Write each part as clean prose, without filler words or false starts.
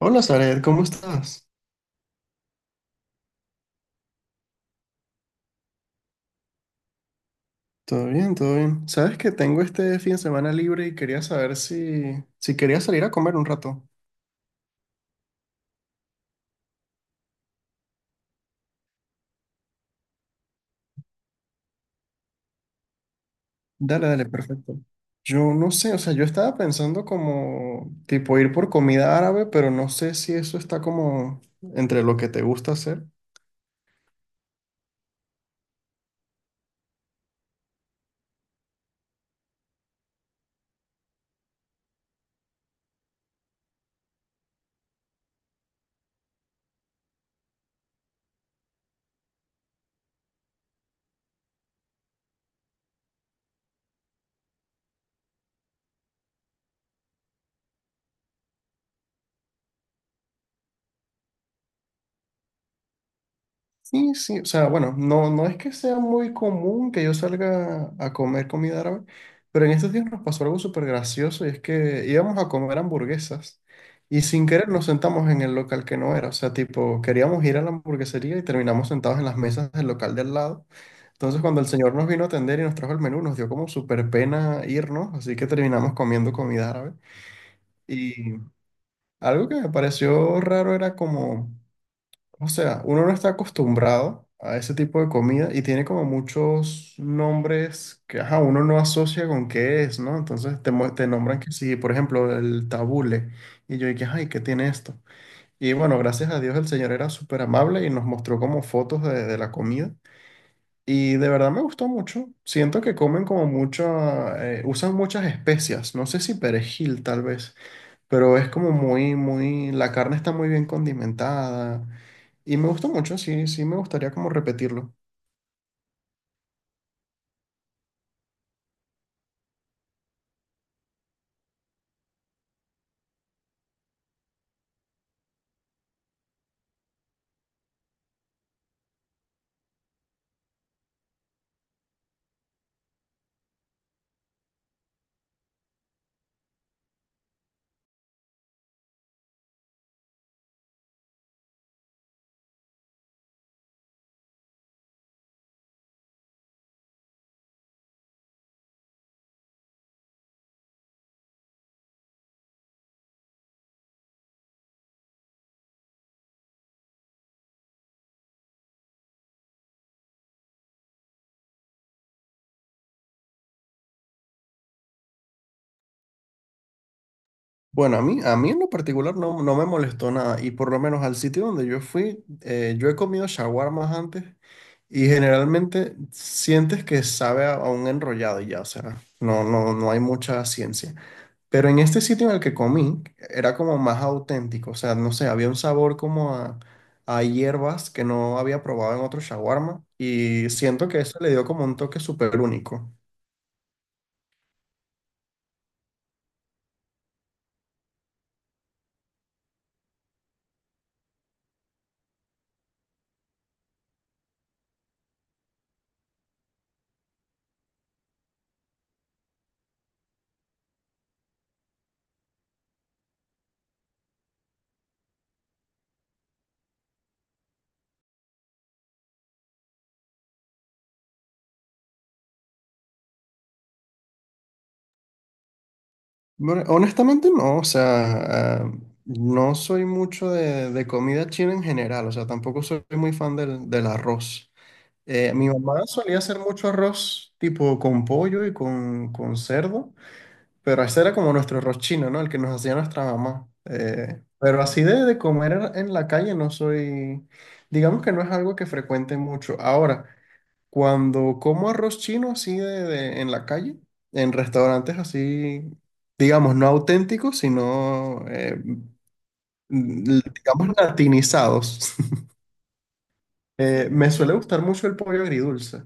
Hola, Zaret, ¿cómo estás? Todo bien, todo bien. Sabes que tengo este fin de semana libre y quería saber si quería salir a comer un rato. Dale, dale, perfecto. Yo no sé, o sea, yo estaba pensando como tipo ir por comida árabe, pero no sé si eso está como entre lo que te gusta hacer. Sí, sí, o sea, bueno, no, no es que sea muy común que yo salga a comer comida árabe, pero en estos días nos pasó algo súper gracioso y es que íbamos a comer hamburguesas y sin querer nos sentamos en el local que no era, o sea, tipo, queríamos ir a la hamburguesería y terminamos sentados en las mesas del local del lado. Entonces, cuando el señor nos vino a atender y nos trajo el menú, nos dio como súper pena irnos, así que terminamos comiendo comida árabe. Y algo que me pareció raro era como, o sea, uno no está acostumbrado a ese tipo de comida y tiene como muchos nombres que ajá, uno no asocia con qué es, ¿no? Entonces te, te nombran que sí, por ejemplo, el tabule. Y yo dije, ay, ¿qué tiene esto? Y bueno, gracias a Dios el señor era súper amable y nos mostró como fotos de la comida. Y de verdad me gustó mucho. Siento que comen como mucho, usan muchas especias. No sé si perejil, tal vez, pero es como muy, muy, la carne está muy bien condimentada y me gustó mucho, sí, sí me gustaría como repetirlo. Bueno, a mí en lo particular no, no me molestó nada y por lo menos al sitio donde yo fui, yo he comido shawarmas antes y generalmente sientes que sabe a un enrollado y ya, o sea, no, no, no hay mucha ciencia. Pero en este sitio en el que comí era como más auténtico, o sea, no sé, había un sabor como a hierbas que no había probado en otro shawarma y siento que eso le dio como un toque súper único. Bueno, honestamente no, o sea, no soy mucho de comida china en general, o sea, tampoco soy muy fan del arroz. Mi mamá solía hacer mucho arroz tipo con pollo y con cerdo. Pero ese era como nuestro arroz chino, ¿no? El que nos hacía nuestra mamá. Pero así de, comer en la calle no soy, digamos que no es algo que frecuente mucho. Ahora, cuando como arroz chino así de, en la calle, en restaurantes así, digamos, no auténticos, sino, digamos, latinizados, me suele gustar mucho el pollo agridulce.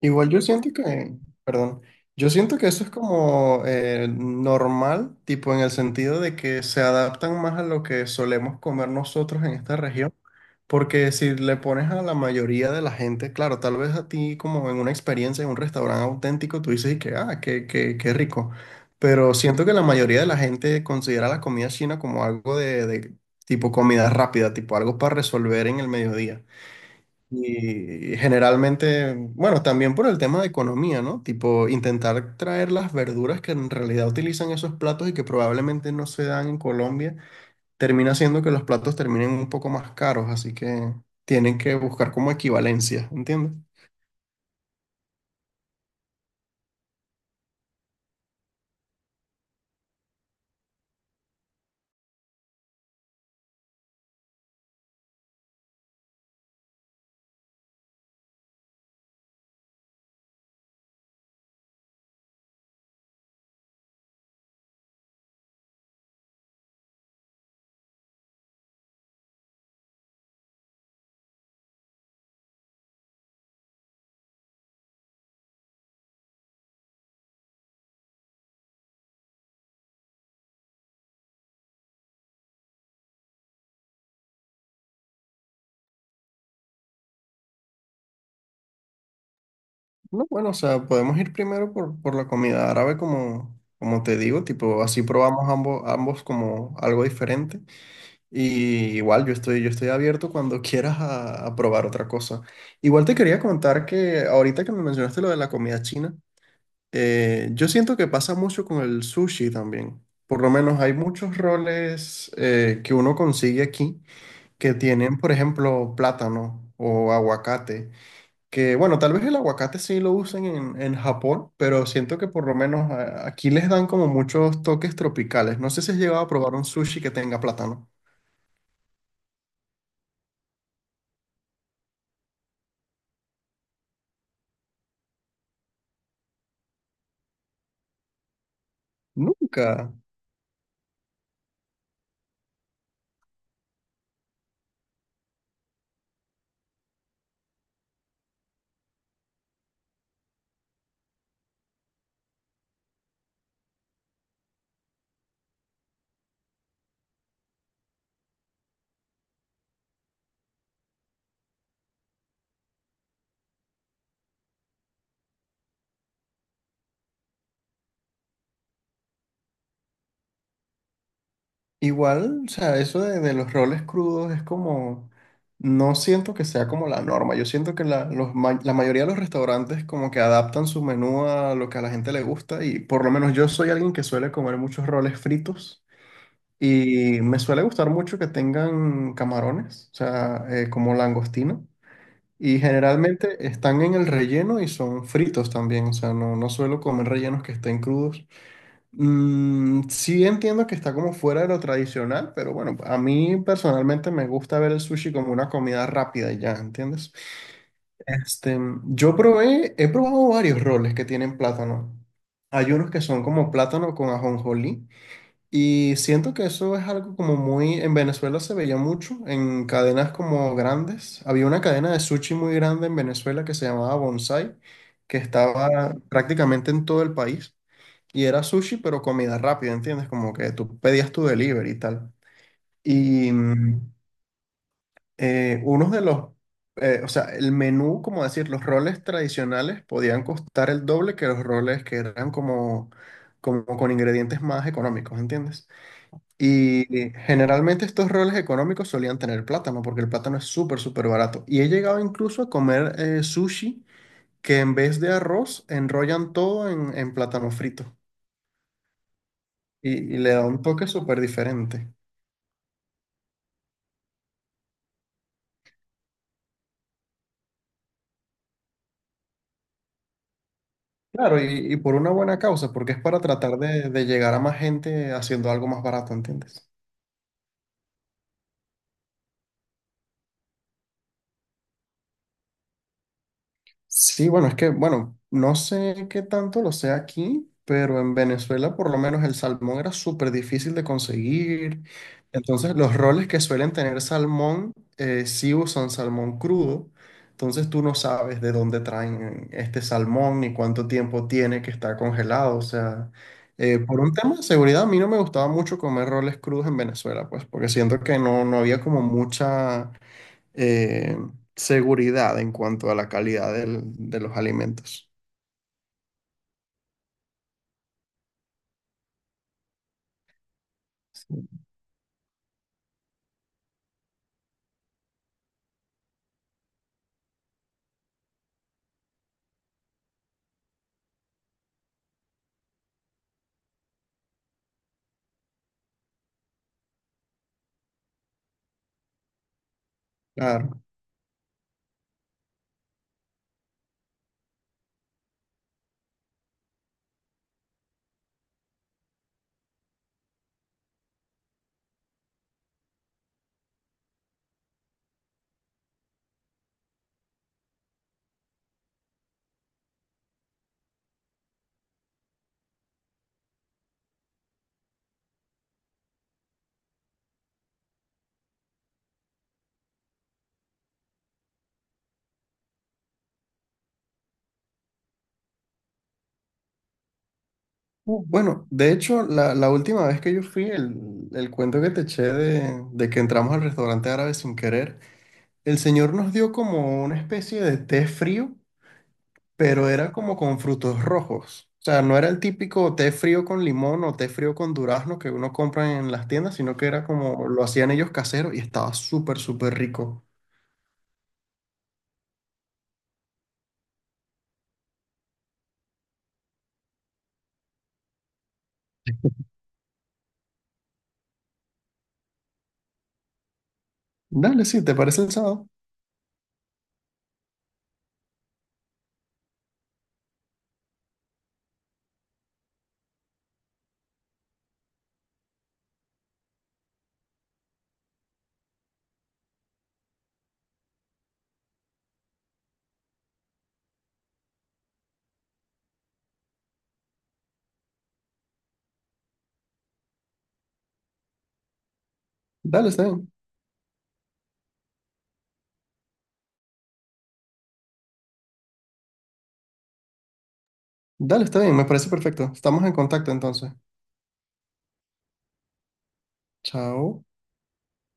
Igual yo siento que, perdón, yo siento que eso es como normal, tipo en el sentido de que se adaptan más a lo que solemos comer nosotros en esta región, porque si le pones a la mayoría de la gente, claro, tal vez a ti como en una experiencia en un restaurante auténtico, tú dices y que, ah, qué, qué, qué rico, pero siento que la mayoría de la gente considera la comida china como algo de tipo comida rápida, tipo algo para resolver en el mediodía. Y generalmente, bueno, también por el tema de economía, ¿no? Tipo, intentar traer las verduras que en realidad utilizan esos platos y que probablemente no se dan en Colombia, termina haciendo que los platos terminen un poco más caros, así que tienen que buscar como equivalencia, ¿entiendes? No, bueno, o sea, podemos ir primero por la comida árabe, como, como te digo, tipo, así probamos ambos, ambos como algo diferente. Y igual yo estoy abierto cuando quieras a probar otra cosa. Igual te quería contar que ahorita que me mencionaste lo de la comida china, yo siento que pasa mucho con el sushi también. Por lo menos hay muchos roles que uno consigue aquí que tienen, por ejemplo, plátano o aguacate. Que bueno, tal vez el aguacate sí lo usen en Japón, pero siento que por lo menos aquí les dan como muchos toques tropicales. No sé si has llegado a probar un sushi que tenga plátano. Nunca. Igual, o sea, eso de los roles crudos es como, no siento que sea como la norma. Yo siento que la, la mayoría de los restaurantes como que adaptan su menú a lo que a la gente le gusta y por lo menos yo soy alguien que suele comer muchos roles fritos y me suele gustar mucho que tengan camarones, o sea, como langostino. Y generalmente están en el relleno y son fritos también, o sea, no, no suelo comer rellenos que estén crudos. Mm, sí entiendo que está como fuera de lo tradicional, pero bueno, a mí personalmente me gusta ver el sushi como una comida rápida y ya, ¿entiendes? Este, he probado varios roles que tienen plátano. Hay unos que son como plátano con ajonjolí y siento que eso es algo como muy, en Venezuela se veía mucho, en cadenas como grandes. Había una cadena de sushi muy grande en Venezuela que se llamaba Bonsai, que estaba prácticamente en todo el país. Y era sushi, pero comida rápida, ¿entiendes? Como que tú pedías tu delivery y tal. Y mm, unos de los, o sea, el menú, como decir, los roles tradicionales podían costar el doble que los roles que eran como, como con ingredientes más económicos, ¿entiendes? Y generalmente estos roles económicos solían tener plátano, porque el plátano es súper, súper barato. Y he llegado incluso a comer sushi que en vez de arroz enrollan todo en plátano frito. Y, y le da un toque súper diferente. Claro, y por una buena causa, porque es para tratar de llegar a más gente haciendo algo más barato, ¿entiendes? Sí, bueno, es que, bueno, no sé qué tanto lo sea aquí, pero en Venezuela por lo menos el salmón era súper difícil de conseguir. Entonces los roles que suelen tener salmón sí usan salmón crudo. Entonces tú no sabes de dónde traen este salmón ni cuánto tiempo tiene que estar congelado. O sea, por un tema de seguridad a mí no me gustaba mucho comer roles crudos en Venezuela, pues porque siento que no, no había como mucha eh, seguridad en cuanto a la calidad de los alimentos. Sí. Claro. Bueno, de hecho, la última vez que yo fui, el cuento que te eché de que entramos al restaurante árabe sin querer, el señor nos dio como una especie de té frío, pero era como con frutos rojos. O sea, no era el típico té frío con limón o té frío con durazno que uno compra en las tiendas, sino que era como lo hacían ellos casero y estaba súper, súper rico. Dale, sí, ¿te parece el sábado? Dale, está bien. Dale, está bien, me parece perfecto. Estamos en contacto entonces. Chao.